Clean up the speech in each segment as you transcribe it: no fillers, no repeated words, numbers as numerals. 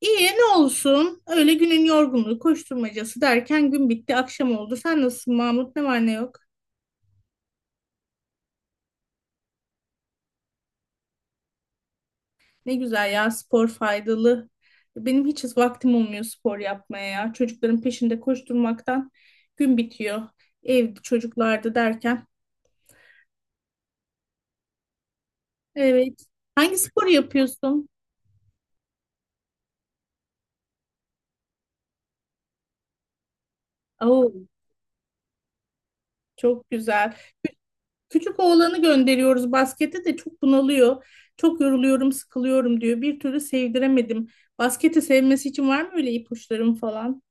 İyi ne olsun. Öyle günün yorgunluğu, koşturmacası derken gün bitti, akşam oldu. Sen nasılsın Mahmut? Ne var ne yok? Ne güzel ya, spor faydalı. Benim hiç vaktim olmuyor spor yapmaya ya. Çocukların peşinde koşturmaktan gün bitiyor. Evde çocuklarda derken. Evet. Hangi sporu yapıyorsun? Oo, çok güzel. Küçük oğlanı gönderiyoruz baskete de çok bunalıyor. Çok yoruluyorum, sıkılıyorum diyor. Bir türlü sevdiremedim. Basketi sevmesi için var mı öyle ipuçlarım falan?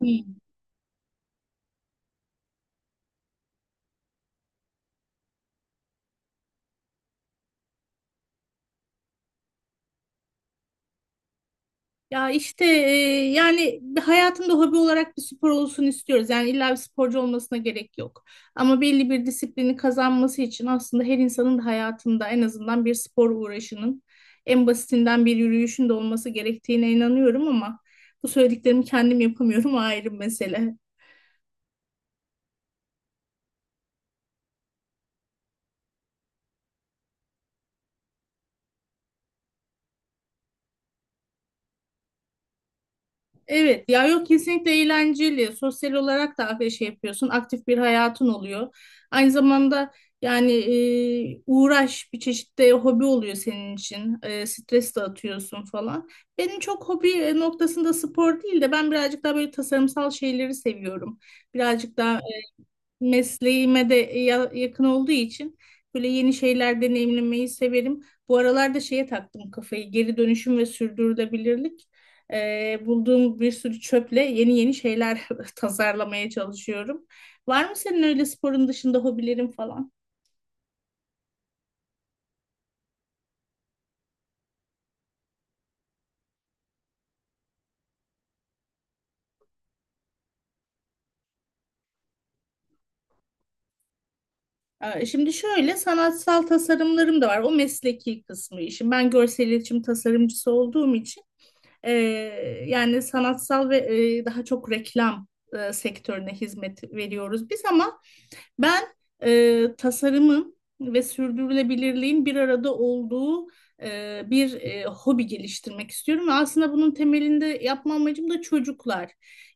Hmm. Ya işte yani bir hayatında hobi olarak bir spor olsun istiyoruz. Yani illa bir sporcu olmasına gerek yok. Ama belli bir disiplini kazanması için aslında her insanın da hayatında en azından bir spor uğraşının en basitinden bir yürüyüşün de olması gerektiğine inanıyorum ama bu söylediklerimi kendim yapamıyorum, o ayrı mesele. Evet ya, yok, kesinlikle eğlenceli. Sosyal olarak da bir şey yapıyorsun. Aktif bir hayatın oluyor. Aynı zamanda yani uğraş bir çeşit de hobi oluyor senin için. Stres de atıyorsun falan. Benim çok hobi noktasında spor değil de ben birazcık daha böyle tasarımsal şeyleri seviyorum. Birazcık daha mesleğime de yakın olduğu için böyle yeni şeyler deneyimlemeyi severim. Bu aralarda şeye taktım kafayı, geri dönüşüm ve sürdürülebilirlik. Bulduğum bir sürü çöple yeni yeni şeyler tasarlamaya çalışıyorum. Var mı senin öyle sporun dışında hobilerin falan? Şimdi şöyle sanatsal tasarımlarım da var. O mesleki kısmı işim. Ben görsel iletişim tasarımcısı olduğum için E, yani sanatsal ve daha çok reklam sektörüne hizmet veriyoruz biz, ama ben tasarımın ve sürdürülebilirliğin bir arada olduğu bir hobi geliştirmek istiyorum. Ve aslında bunun temelinde yapma amacım da çocuklar.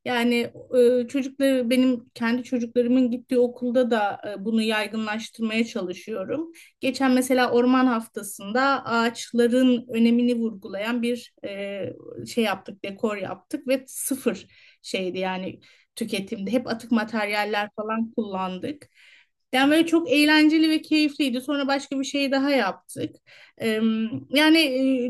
Yani çocukları, benim kendi çocuklarımın gittiği okulda da bunu yaygınlaştırmaya çalışıyorum. Geçen mesela Orman Haftası'nda ağaçların önemini vurgulayan bir şey yaptık, dekor yaptık ve sıfır şeydi yani tüketimde. Hep atık materyaller falan kullandık. Yani böyle çok eğlenceli ve keyifliydi. Sonra başka bir şey daha yaptık. Eee, Yani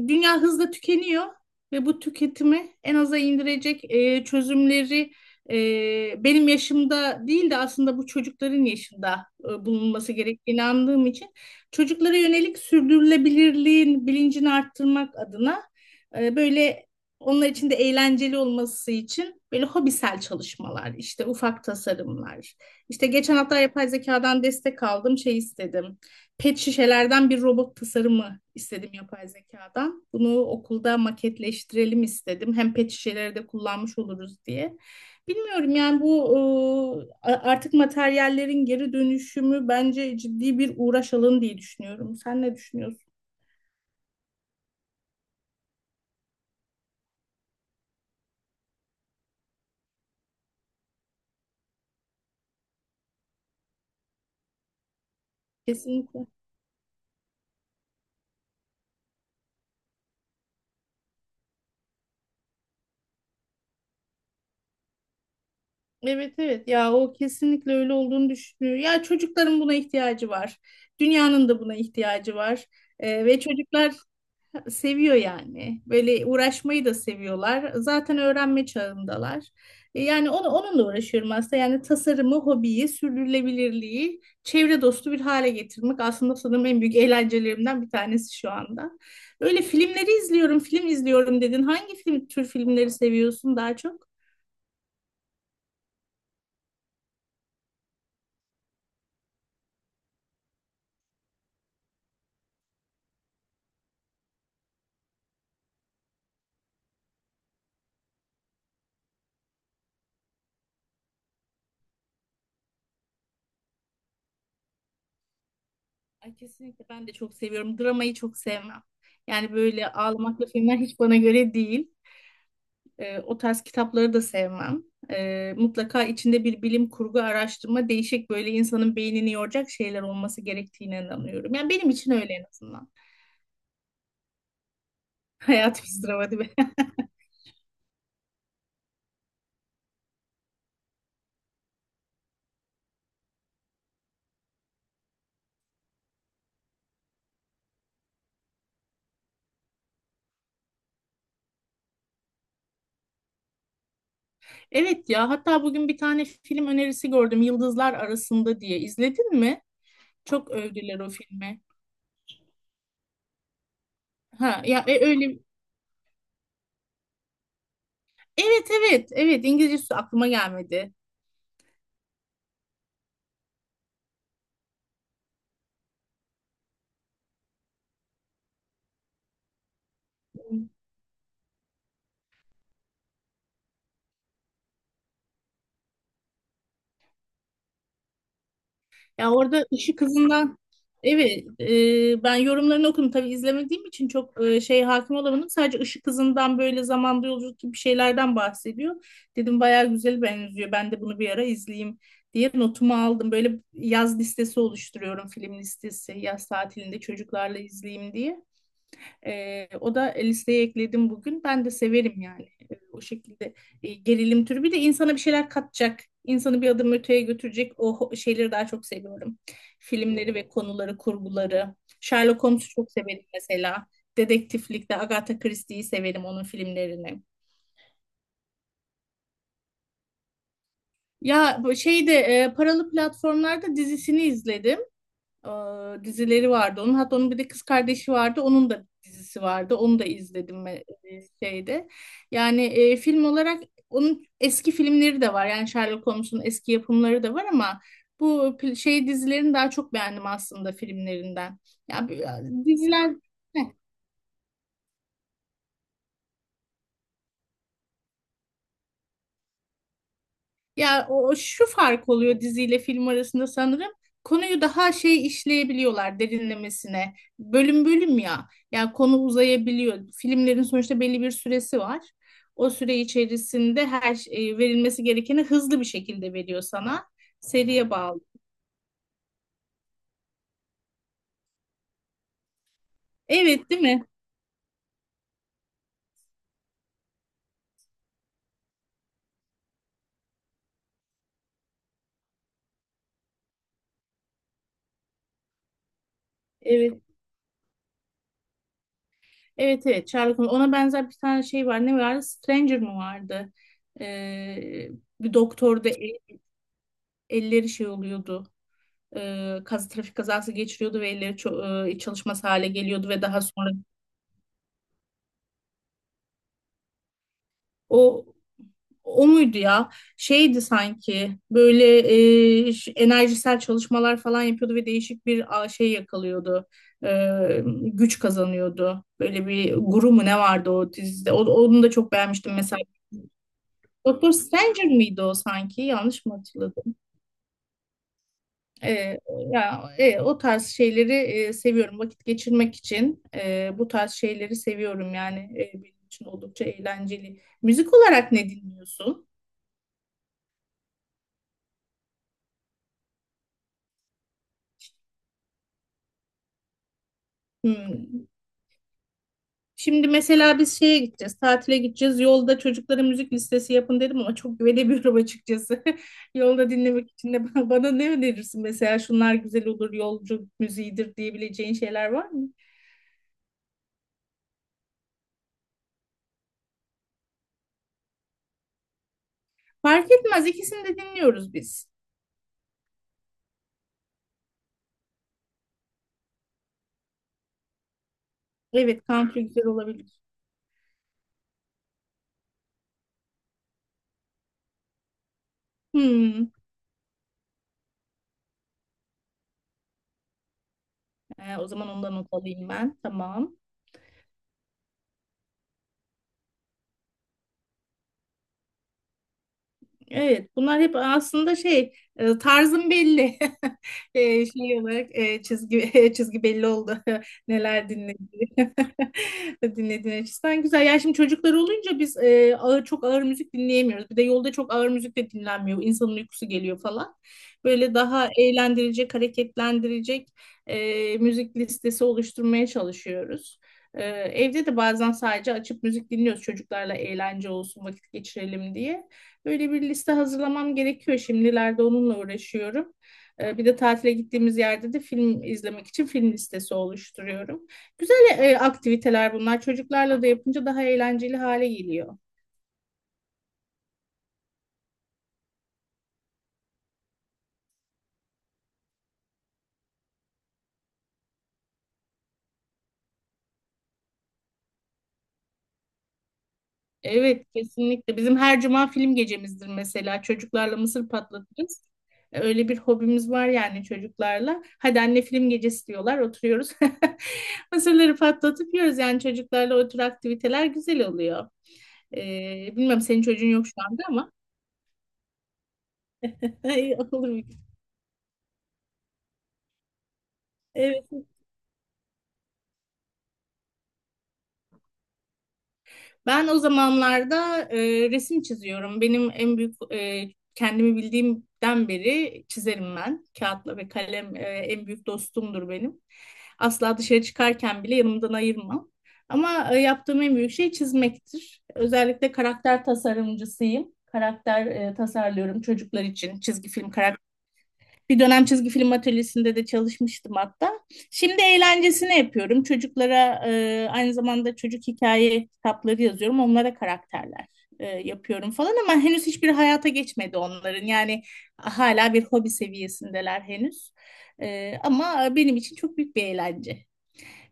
dünya hızla tükeniyor ve bu tüketimi en aza indirecek çözümleri benim yaşımda değil de aslında bu çocukların yaşında bulunması gerektiğine inandığım için çocuklara yönelik sürdürülebilirliğin bilincini arttırmak adına böyle, onlar için de eğlenceli olması için, böyle hobisel çalışmalar, işte ufak tasarımlar. İşte geçen hafta yapay zekadan destek aldım, şey istedim. Pet şişelerden bir robot tasarımı istedim yapay zekadan. Bunu okulda maketleştirelim istedim. Hem pet şişeleri de kullanmış oluruz diye. Bilmiyorum yani, bu artık materyallerin geri dönüşümü bence ciddi bir uğraş alanı diye düşünüyorum. Sen ne düşünüyorsun? Kesinlikle. Evet, evet, ya o kesinlikle öyle olduğunu düşünüyor. Ya çocukların buna ihtiyacı var. Dünyanın da buna ihtiyacı var. Ve çocuklar seviyor yani. Böyle uğraşmayı da seviyorlar. Zaten öğrenme çağındalar. Yani onunla uğraşıyorum aslında. Yani tasarımı, hobiyi, sürdürülebilirliği, çevre dostu bir hale getirmek aslında sanırım en büyük eğlencelerimden bir tanesi şu anda. Öyle filmleri izliyorum, film izliyorum dedin. Hangi film, tür filmleri seviyorsun daha çok? Ay, kesinlikle ben de çok seviyorum. Dramayı çok sevmem. Yani böyle ağlamaklı filmler hiç bana göre değil. O tarz kitapları da sevmem. Mutlaka içinde bir bilim kurgu araştırma, değişik, böyle insanın beynini yoracak şeyler olması gerektiğine inanıyorum. Yani benim için öyle, en azından. Hayat bir sınava değil mi? Evet ya, hatta bugün bir tane film önerisi gördüm, Yıldızlar Arasında diye. İzledin mi? Çok övdüler o filmi. Ha ya, öyle. Evet, evet, evet, İngilizcesi aklıma gelmedi. Ya orada Işık Hızı'ndan, evet, ben yorumlarını okudum, tabii izlemediğim için çok şey hakim olamadım. Sadece Işık Hızı'ndan böyle zamanda yolculuk gibi şeylerden bahsediyor. Dedim bayağı güzel benziyor. Ben de bunu bir ara izleyeyim diye notumu aldım. Böyle yaz listesi oluşturuyorum, film listesi. Yaz tatilinde çocuklarla izleyeyim diye. O da listeye ekledim bugün. Ben de severim yani. O şekilde gerilim türü. Bir de insana bir şeyler katacak, insanı bir adım öteye götürecek o şeyleri daha çok seviyorum. Filmleri ve konuları, kurguları. Sherlock Holmes'u çok severim mesela. Dedektiflikte Agatha Christie'yi severim, onun filmlerini. Ya bu şeyde paralı platformlarda dizisini izledim. Dizileri vardı onun. Hatta onun bir de kız kardeşi vardı. Onun da dizisi vardı. Onu da izledim şeyde. Yani film olarak onun eski filmleri de var. Yani Sherlock Holmes'un eski yapımları da var, ama bu şey dizilerini daha çok beğendim aslında filmlerinden. Ya diziler. Heh. Ya o o şu fark oluyor diziyle film arasında sanırım. Konuyu daha şey işleyebiliyorlar, derinlemesine. Bölüm bölüm ya. Yani konu uzayabiliyor. Filmlerin sonuçta belli bir süresi var. O süre içerisinde her şey, verilmesi gerekeni hızlı bir şekilde veriyor sana. Seriye bağlı. Evet, değil mi? Evet. Evet, evet, Sherlock Holmes. Ona benzer bir tane şey var. Ne vardı? Stranger mı vardı? Ee, Bir doktorda elleri şey oluyordu. E, kaz Trafik kazası geçiriyordu ve elleri çalışmaz hale geliyordu ve daha sonra o o muydu ya? Şeydi sanki böyle, enerjisel çalışmalar falan yapıyordu ve değişik bir, şey yakalıyordu. E, Güç kazanıyordu. Böyle bir guru mu ne vardı o dizide? Onu da çok beğenmiştim mesela. Doktor Stranger miydi o sanki? Yanlış mı hatırladım? E, Ya, o tarz şeyleri seviyorum. Vakit geçirmek için bu tarz şeyleri seviyorum. Yani benim için oldukça eğlenceli. Müzik olarak ne dinliyorsun? Hmm. Şimdi mesela biz şeye gideceğiz, tatile gideceğiz. Yolda çocuklara müzik listesi yapın dedim ama çok güvenemiyorum açıkçası. Yolda dinlemek için de bana ne önerirsin? Mesela şunlar güzel olur, yolcu müziğidir diyebileceğin şeyler var mı? Fark etmez, ikisini de dinliyoruz biz. Evet, country güzel olabilir. Hmm. O zaman ondan not alayım ben. Tamam. Evet, bunlar hep aslında şey, tarzım belli. Şey olarak çizgi çizgi belli oldu neler dinlediği dinlediğin açısından güzel. Ya şimdi çocuklar olunca biz ağır, çok ağır müzik dinleyemiyoruz. Bir de yolda çok ağır müzik de dinlenmiyor. İnsanın uykusu geliyor falan. Böyle daha eğlendirecek, hareketlendirecek müzik listesi oluşturmaya çalışıyoruz. Evde de bazen sadece açıp müzik dinliyoruz çocuklarla, eğlence olsun, vakit geçirelim diye. Böyle bir liste hazırlamam gerekiyor, şimdilerde onunla uğraşıyorum. Bir de tatile gittiğimiz yerde de film izlemek için film listesi oluşturuyorum. Güzel aktiviteler bunlar. Çocuklarla da yapınca daha eğlenceli hale geliyor. Evet, kesinlikle. Bizim her cuma film gecemizdir mesela. Çocuklarla mısır patlatırız. Öyle bir hobimiz var yani çocuklarla. Hadi anne film gecesi diyorlar, oturuyoruz. Mısırları patlatıp yiyoruz yani, çocuklarla o tür aktiviteler güzel oluyor. Bilmem senin çocuğun yok şu anda ama. Ay, olur mu? Evet. Ben o zamanlarda resim çiziyorum. Benim en büyük kendimi bildiğimden beri çizerim ben. Kağıtla ve kalem en büyük dostumdur benim. Asla dışarı çıkarken bile yanımdan ayırmam. Ama yaptığım en büyük şey çizmektir. Özellikle karakter tasarımcısıyım. Karakter tasarlıyorum çocuklar için. Çizgi film. Bir dönem çizgi film atölyesinde de çalışmıştım hatta. Şimdi eğlencesini yapıyorum. Çocuklara aynı zamanda çocuk hikaye kitapları yazıyorum. Onlara karakterler yapıyorum falan, ama henüz hiçbir hayata geçmedi onların. Yani hala bir hobi seviyesindeler henüz. Ama benim için çok büyük bir eğlence.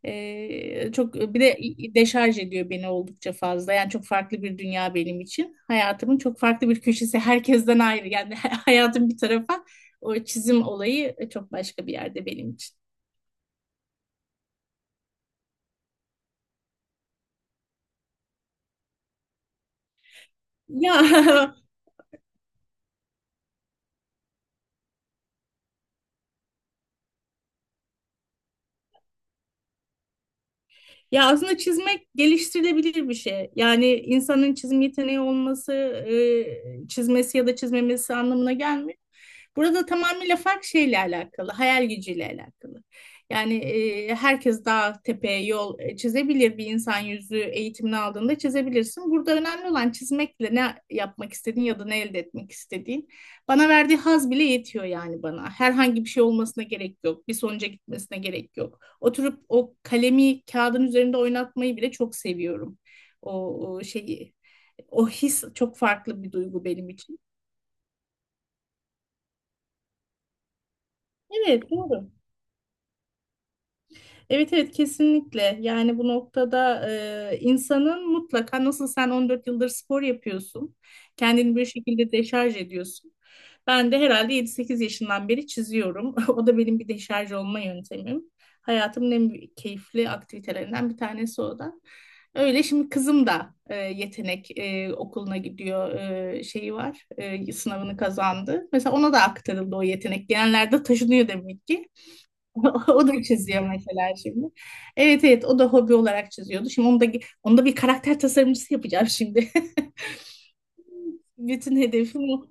Çok bir de deşarj ediyor beni, oldukça fazla. Yani çok farklı bir dünya benim için. Hayatımın çok farklı bir köşesi. Herkesten ayrı. Yani hayatım bir tarafa. O çizim olayı çok başka bir yerde benim için. Ya ya aslında çizmek geliştirilebilir bir şey. Yani insanın çizim yeteneği olması, çizmesi ya da çizmemesi anlamına gelmiyor. Burada tamamıyla fark şeyle alakalı, hayal gücüyle alakalı. Yani herkes dağ, tepe, yol çizebilir. Bir insan yüzü eğitimini aldığında çizebilirsin. Burada önemli olan çizmekle ne yapmak istediğin ya da ne elde etmek istediğin. Bana verdiği haz bile yetiyor yani bana. Herhangi bir şey olmasına gerek yok. Bir sonuca gitmesine gerek yok. Oturup o kalemi kağıdın üzerinde oynatmayı bile çok seviyorum. O, o şeyi, o his çok farklı bir duygu benim için. Evet, doğru. Evet, evet, kesinlikle. Yani bu noktada insanın mutlaka, nasıl sen 14 yıldır spor yapıyorsun, kendini bir şekilde deşarj ediyorsun. Ben de herhalde 7-8 yaşından beri çiziyorum. O da benim bir deşarj olma yöntemim. Hayatımın en büyük keyifli aktivitelerinden bir tanesi o da. Öyle şimdi kızım da yetenek okuluna gidiyor, şeyi var, sınavını kazandı. Mesela ona da aktarıldı o yetenek. Genellerde taşınıyor demek ki. O da çiziyor mesela şimdi. Evet, evet, o da hobi olarak çiziyordu. Şimdi onu da bir karakter tasarımcısı yapacağım şimdi. Bütün hedefim o.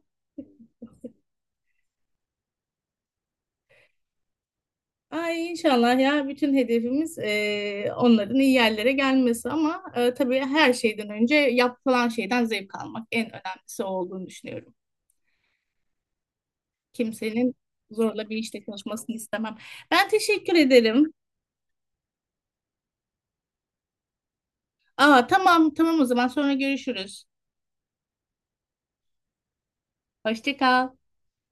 Ay inşallah ya, bütün hedefimiz onların iyi yerlere gelmesi ama tabii her şeyden önce yapılan şeyden zevk almak en önemlisi, o olduğunu düşünüyorum. Kimsenin zorla bir işte çalışmasını istemem. Ben teşekkür ederim. Aa, tamam, tamam, o zaman sonra görüşürüz. Hoşça kal.